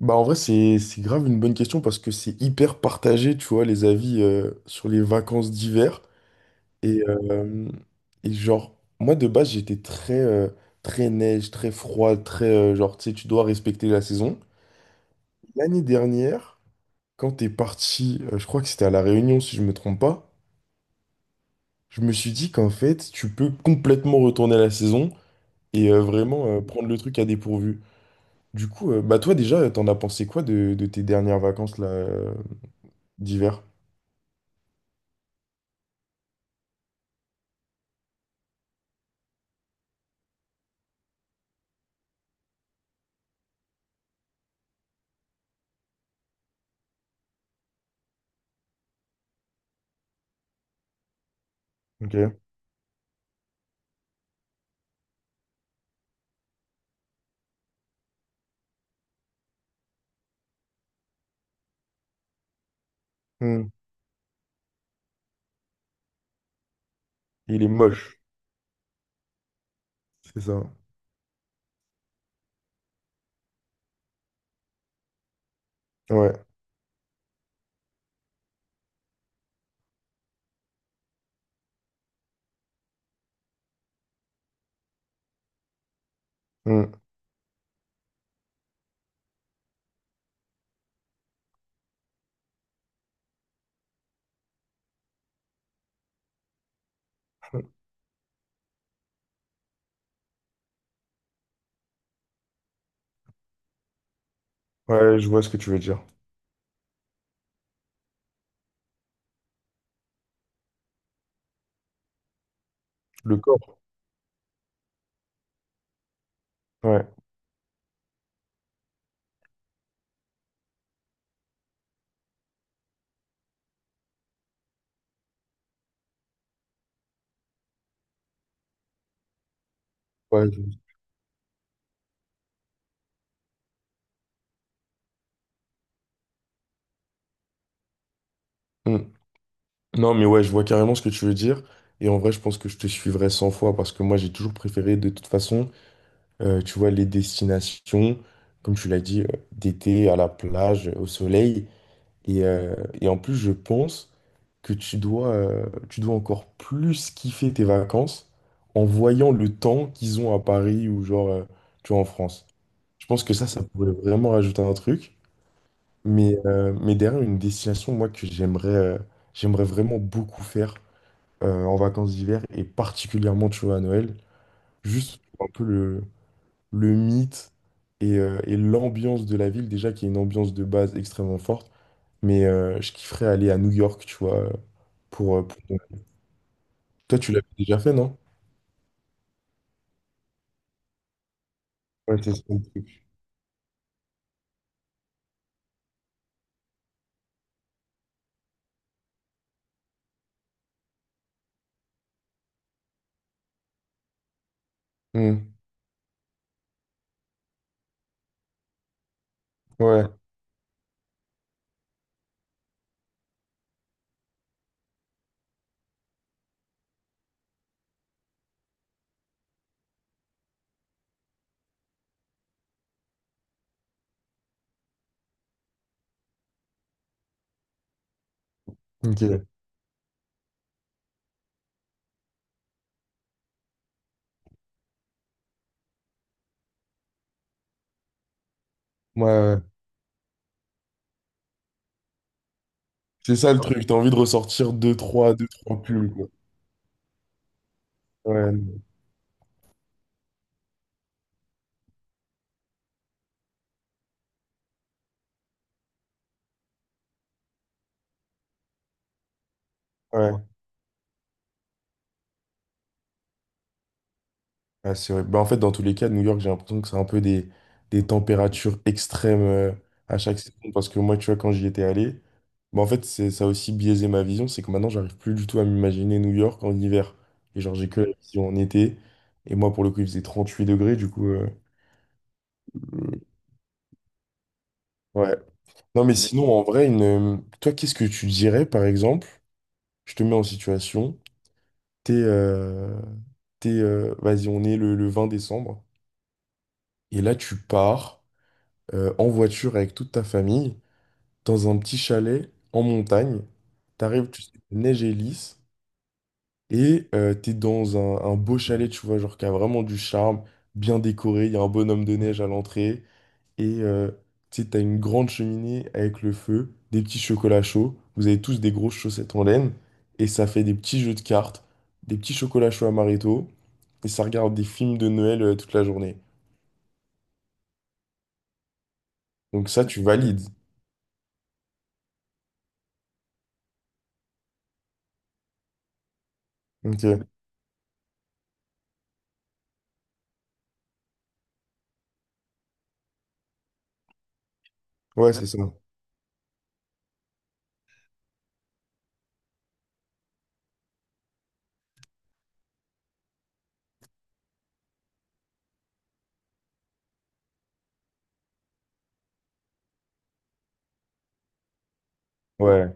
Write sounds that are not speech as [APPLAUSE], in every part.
Bah en vrai c'est grave une bonne question parce que c'est hyper partagé, tu vois, les avis sur les vacances d'hiver. Et, euh, et genre, moi, de base, j'étais très très neige, très froid, très genre, tu sais, tu dois respecter la saison. L'année dernière, quand t'es parti je crois que c'était à La Réunion, si je me trompe pas. Je me suis dit qu'en fait tu peux complètement retourner à la saison et vraiment prendre le truc à dépourvu. Du coup, bah toi, déjà, t'en as pensé quoi de tes dernières vacances là, d'hiver? Ok. Hmm. Il est moche. C'est ça. Ouais. Hmm. Ouais, je vois ce que tu veux dire. Le corps. Ouais. Ouais. Hmm. Non, mais ouais, je vois carrément ce que tu veux dire. Et en vrai, je pense que je te suivrai 100 fois parce que moi, j'ai toujours préféré, de toute façon, tu vois, les destinations, comme tu l'as dit, d'été, à la plage, au soleil. Et, euh, et en plus, je pense que tu dois encore plus kiffer tes vacances en voyant le temps qu'ils ont à Paris, ou genre, tu vois, en France. Je pense que ça pourrait vraiment rajouter un truc. Mais derrière, une destination, moi, que j'aimerais vraiment beaucoup faire en vacances d'hiver, et particulièrement, tu vois, à Noël, juste pour un peu le, mythe et l'ambiance de la ville, déjà, qui est une ambiance de base extrêmement forte. Mais je kifferais aller à New York, tu vois, pour... Toi, tu l'as déjà fait, non? Ouais, c'est ça le truc. Hmm. Ouais, ok. Ouais, ouais. C'est ça le truc, t'as envie de ressortir deux, trois, deux, trois pulls, quoi. Ouais, ouais. Ah, c'est vrai. Bah, en fait, dans tous les cas, New York, j'ai l'impression que c'est un peu des températures extrêmes, à chaque saison. Parce que moi, tu vois, quand j'y étais allé, bah, en fait, ça a aussi biaisé ma vision. C'est que maintenant, j'arrive plus du tout à m'imaginer New York en hiver. Et genre, j'ai que la vision en été. Et moi, pour le coup, il faisait 8 degrés. Du coup, ouais. Non, mais sinon, en vrai, toi, qu'est-ce que tu dirais, par exemple? Je te mets en situation. T'es, euh, vas-y, on est le 20 décembre. Et là, tu pars, en voiture avec toute ta famille, dans un petit chalet en montagne. T'arrives, tu sais, la neige est lisse, et t'es dans un beau chalet, tu vois, genre qui a vraiment du charme, bien décoré, il y a un bonhomme de neige à l'entrée, et tu sais, t'as une grande cheminée avec le feu, des petits chocolats chauds, vous avez tous des grosses chaussettes en laine, et ça fait des petits jeux de cartes, des petits chocolats chauds à marito, et ça regarde des films de Noël toute la journée. Donc ça, tu valides. Ok. Ouais, c'est ça. Ouais.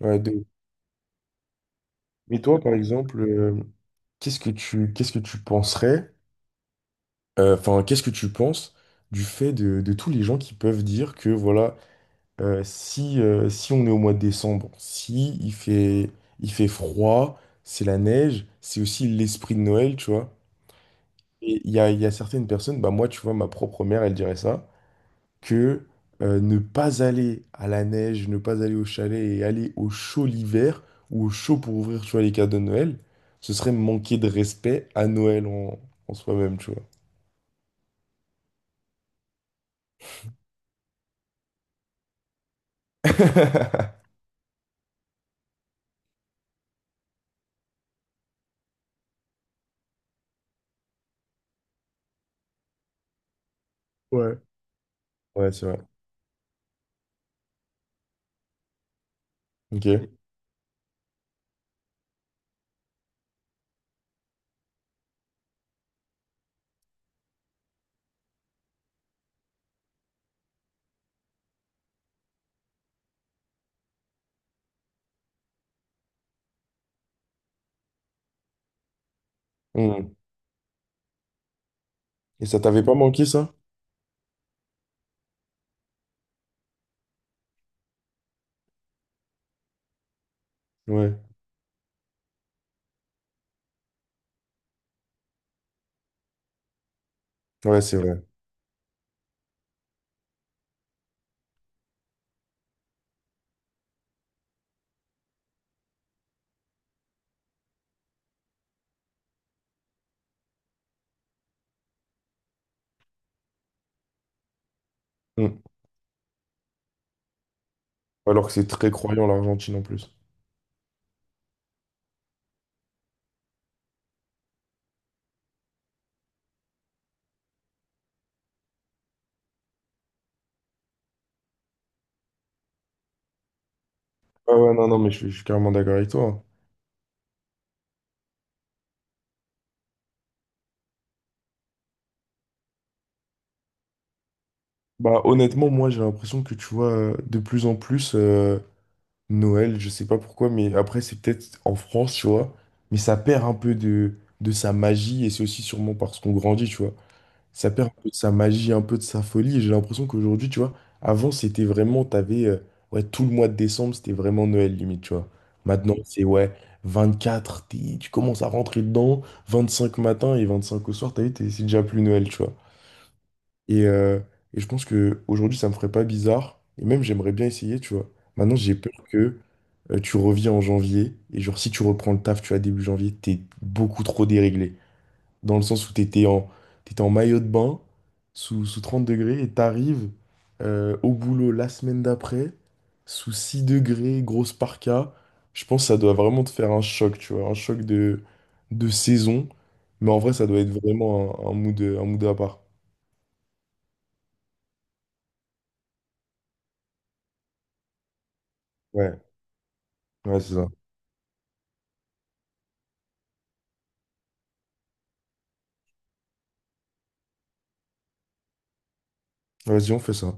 Ouais, de ouf. Mais toi, par exemple, qu'est-ce que tu penserais, enfin, qu'est-ce que tu penses du fait de tous les gens qui peuvent dire que, voilà, si on est au mois de décembre, si il fait froid, c'est la neige, c'est aussi l'esprit de Noël, tu vois. Et il y a certaines personnes, bah moi, tu vois, ma propre mère, elle dirait ça, que ne pas aller à la neige, ne pas aller au chalet et aller au chaud l'hiver, ou au chaud pour ouvrir, tu vois, les cadeaux de Noël, ce serait manquer de respect à Noël en soi-même, tu vois. [LAUGHS] Ouais. Ouais, c'est vrai. Ok. Mm. Et ça t'avait pas manqué, ça? Ouais. Ouais, c'est vrai. Mm. Alors que c'est très croyant, l'Argentine, en plus. Ah ouais, non, non, mais je suis carrément d'accord avec toi, hein. Bah, honnêtement, moi, j'ai l'impression que, tu vois, de plus en plus, Noël, je sais pas pourquoi, mais après, c'est peut-être en France, tu vois. Mais ça perd un peu de sa magie, et c'est aussi sûrement parce qu'on grandit, tu vois. Ça perd un peu de sa magie, un peu de sa folie. Et j'ai l'impression qu'aujourd'hui, tu vois, avant, c'était vraiment, t'avais, ouais, tout le mois de décembre, c'était vraiment Noël, limite, tu vois. Maintenant, c'est, ouais, 24, tu commences à rentrer dedans, 25 matin et 25 au soir, t'as vu, c'est déjà plus Noël, tu vois. Et, euh, et je pense que aujourd'hui ça me ferait pas bizarre. Et même, j'aimerais bien essayer, tu vois. Maintenant, j'ai peur que tu reviens en janvier. Et genre, si tu reprends le taf, tu vois, début janvier, t'es beaucoup trop déréglé. Dans le sens où t'étais en maillot de bain, sous 30 degrés, et t'arrives au boulot la semaine d'après, sous 6 degrés, grosse parka. Je pense que ça doit vraiment te faire un choc, tu vois. Un choc de saison. Mais en vrai, ça doit être vraiment un mood à part. Ouais, ouais, c'est ça. Vas-y, on fait ça.